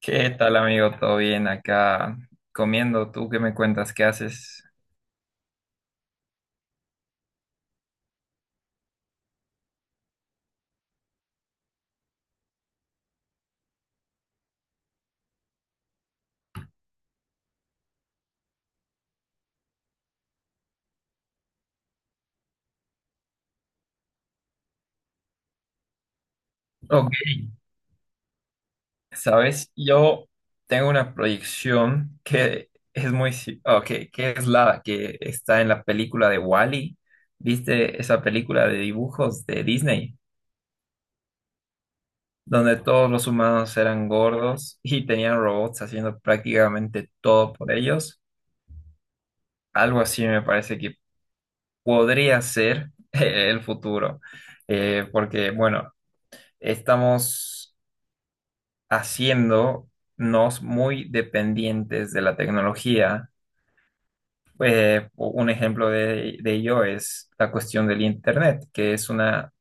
¿Qué tal, amigo? ¿Todo bien acá comiendo? ¿Tú qué me cuentas? ¿Qué haces? Ok, sabes, yo tengo una proyección que es muy... que es la que está en la película de Wall-E. ¿Viste esa película de dibujos de Disney? Donde todos los humanos eran gordos y tenían robots haciendo prácticamente todo por ellos. Algo así me parece que podría ser el futuro. Porque, bueno... Estamos haciéndonos muy dependientes de la tecnología. Un ejemplo de ello es la cuestión del Internet, que es una,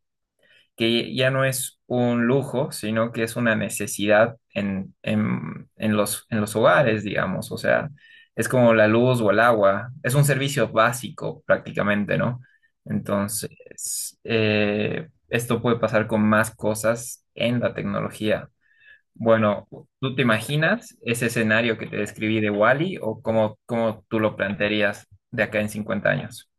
que ya no es un lujo, sino que es una necesidad en los hogares, digamos. O sea, es como la luz o el agua. Es un servicio básico prácticamente, ¿no? Entonces, esto puede pasar con más cosas en la tecnología. Bueno, ¿tú te imaginas ese escenario que te describí de Wally o cómo tú lo plantearías de acá en 50 años?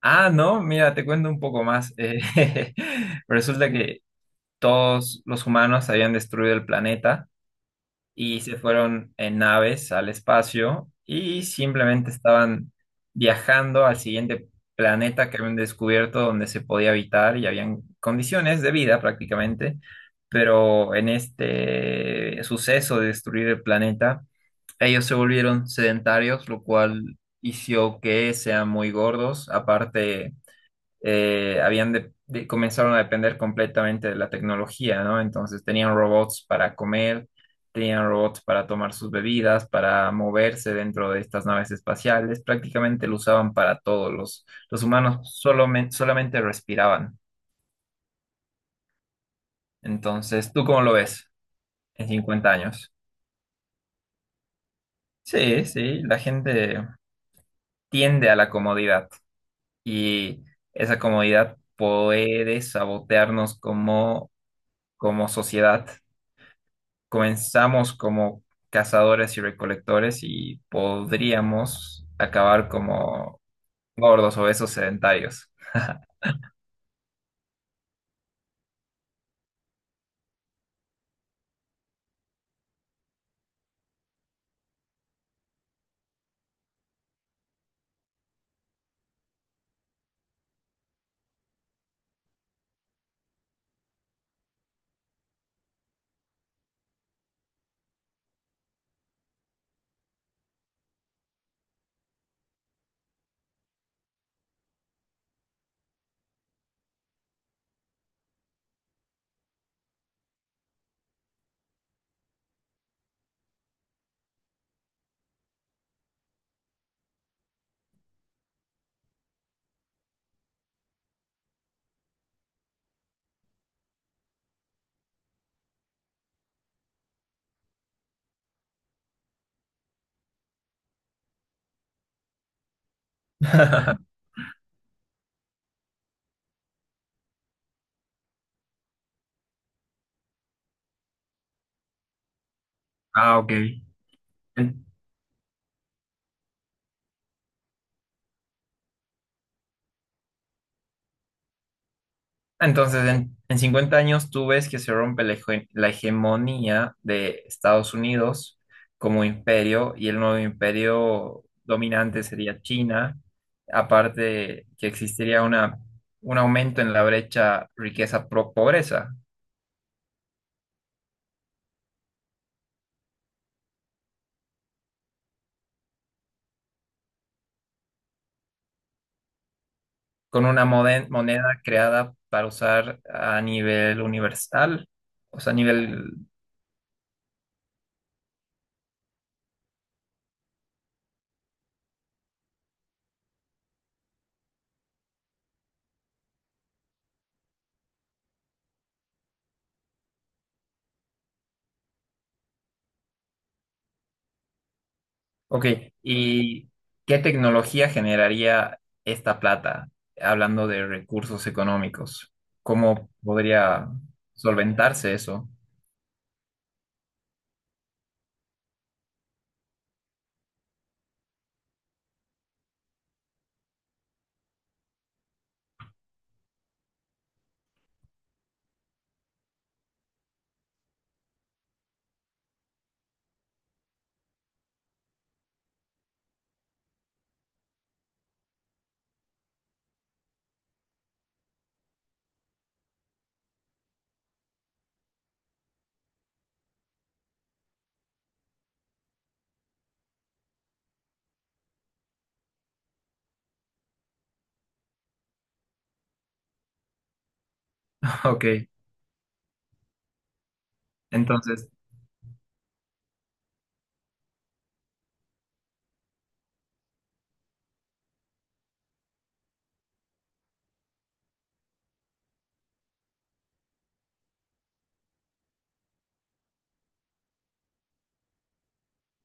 Ah, no, mira, te cuento un poco más. Resulta que todos los humanos habían destruido el planeta y se fueron en naves al espacio y simplemente estaban viajando al siguiente planeta que habían descubierto donde se podía habitar y habían condiciones de vida prácticamente, pero en este suceso de destruir el planeta, ellos se volvieron sedentarios, lo cual hizo que sean muy gordos, aparte comenzaron a depender completamente de la tecnología, ¿no? Entonces tenían robots para comer, tenían robots para tomar sus bebidas, para moverse dentro de estas naves espaciales, prácticamente lo usaban para todo, los humanos solamente, solamente respiraban. Entonces, ¿tú cómo lo ves en 50 años? Sí, sí, la gente tiende a la comodidad y esa comodidad puede sabotearnos como sociedad comenzamos como cazadores y recolectores y podríamos acabar como gordos, obesos, sedentarios. Ah, ok. En- Entonces, en 50 años tú ves que se rompe la hegemonía de Estados Unidos como imperio y el nuevo imperio dominante sería China, aparte que existiría un aumento en la brecha riqueza-pobreza, con una moneda creada para usar a nivel universal, o sea, a nivel... Ok, ¿y qué tecnología generaría esta plata, hablando de recursos económicos? ¿Cómo podría solventarse eso? Ok, entonces,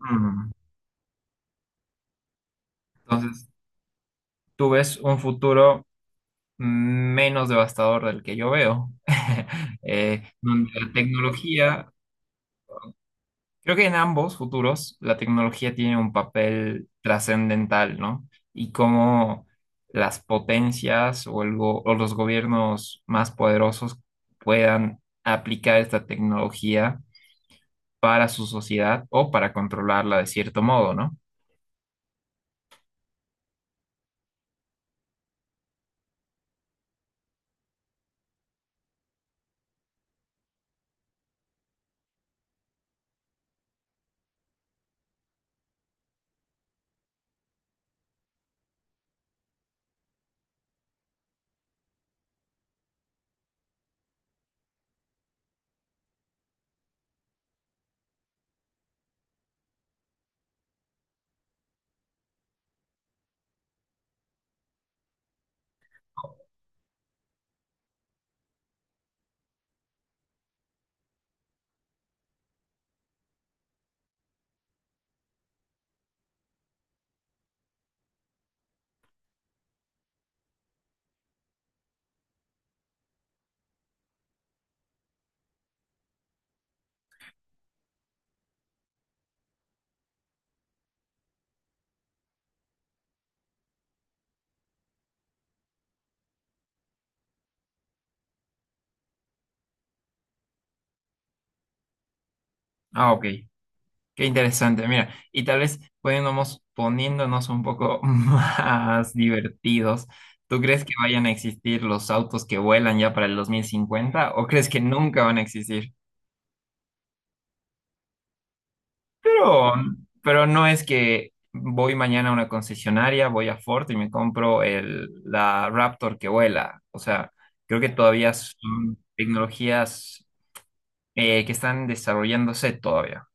mm, entonces, tú ves un futuro menos devastador del que yo veo, donde la tecnología... Creo que en ambos futuros la tecnología tiene un papel trascendental, ¿no? Y cómo las potencias o los gobiernos más poderosos puedan aplicar esta tecnología para su sociedad o para controlarla de cierto modo, ¿no? Ah, ok. Qué interesante, mira. Y tal vez poniéndonos un poco más divertidos. ¿Tú crees que vayan a existir los autos que vuelan ya para el 2050 o crees que nunca van a existir? Pero, pero no es que voy mañana a una concesionaria, voy a Ford y me compro la Raptor que vuela. O sea, creo que todavía son tecnologías que están desarrollándose todavía.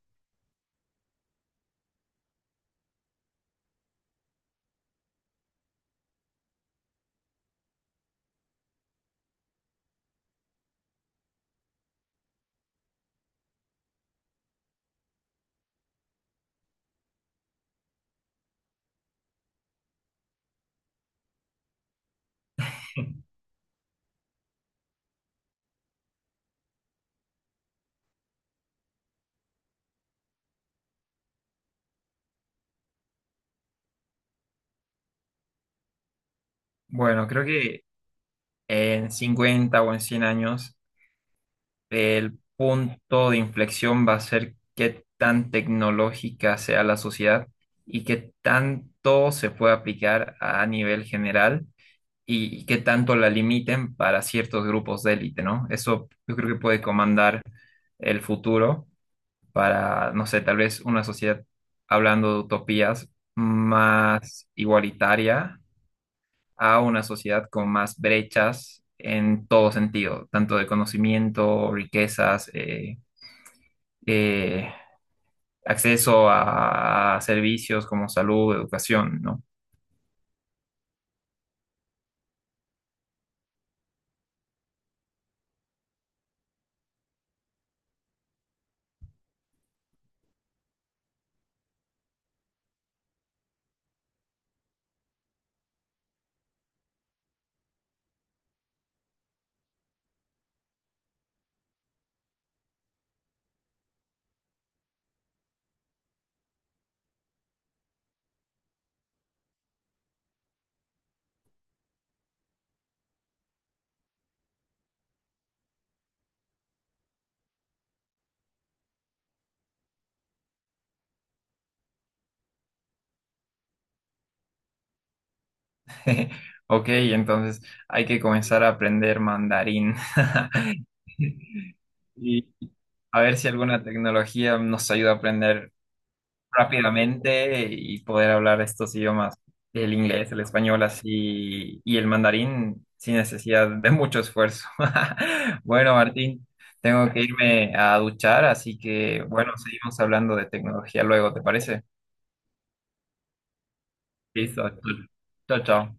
Bueno, creo que en 50 o en 100 años el punto de inflexión va a ser qué tan tecnológica sea la sociedad y qué tanto se puede aplicar a nivel general y qué tanto la limiten para ciertos grupos de élite, ¿no? Eso yo creo que puede comandar el futuro para, no sé, tal vez una sociedad, hablando de utopías, más igualitaria a una sociedad con más brechas en todo sentido, tanto de conocimiento, riquezas, eh, acceso a servicios como salud, educación, ¿no? Ok, entonces hay que comenzar a aprender mandarín. Y a ver si alguna tecnología nos ayuda a aprender rápidamente y poder hablar estos idiomas, el inglés, el español así y el mandarín sin necesidad de mucho esfuerzo. Bueno, Martín, tengo que irme a duchar, así que bueno, seguimos hablando de tecnología luego, ¿te parece? Listo. Chao, chao.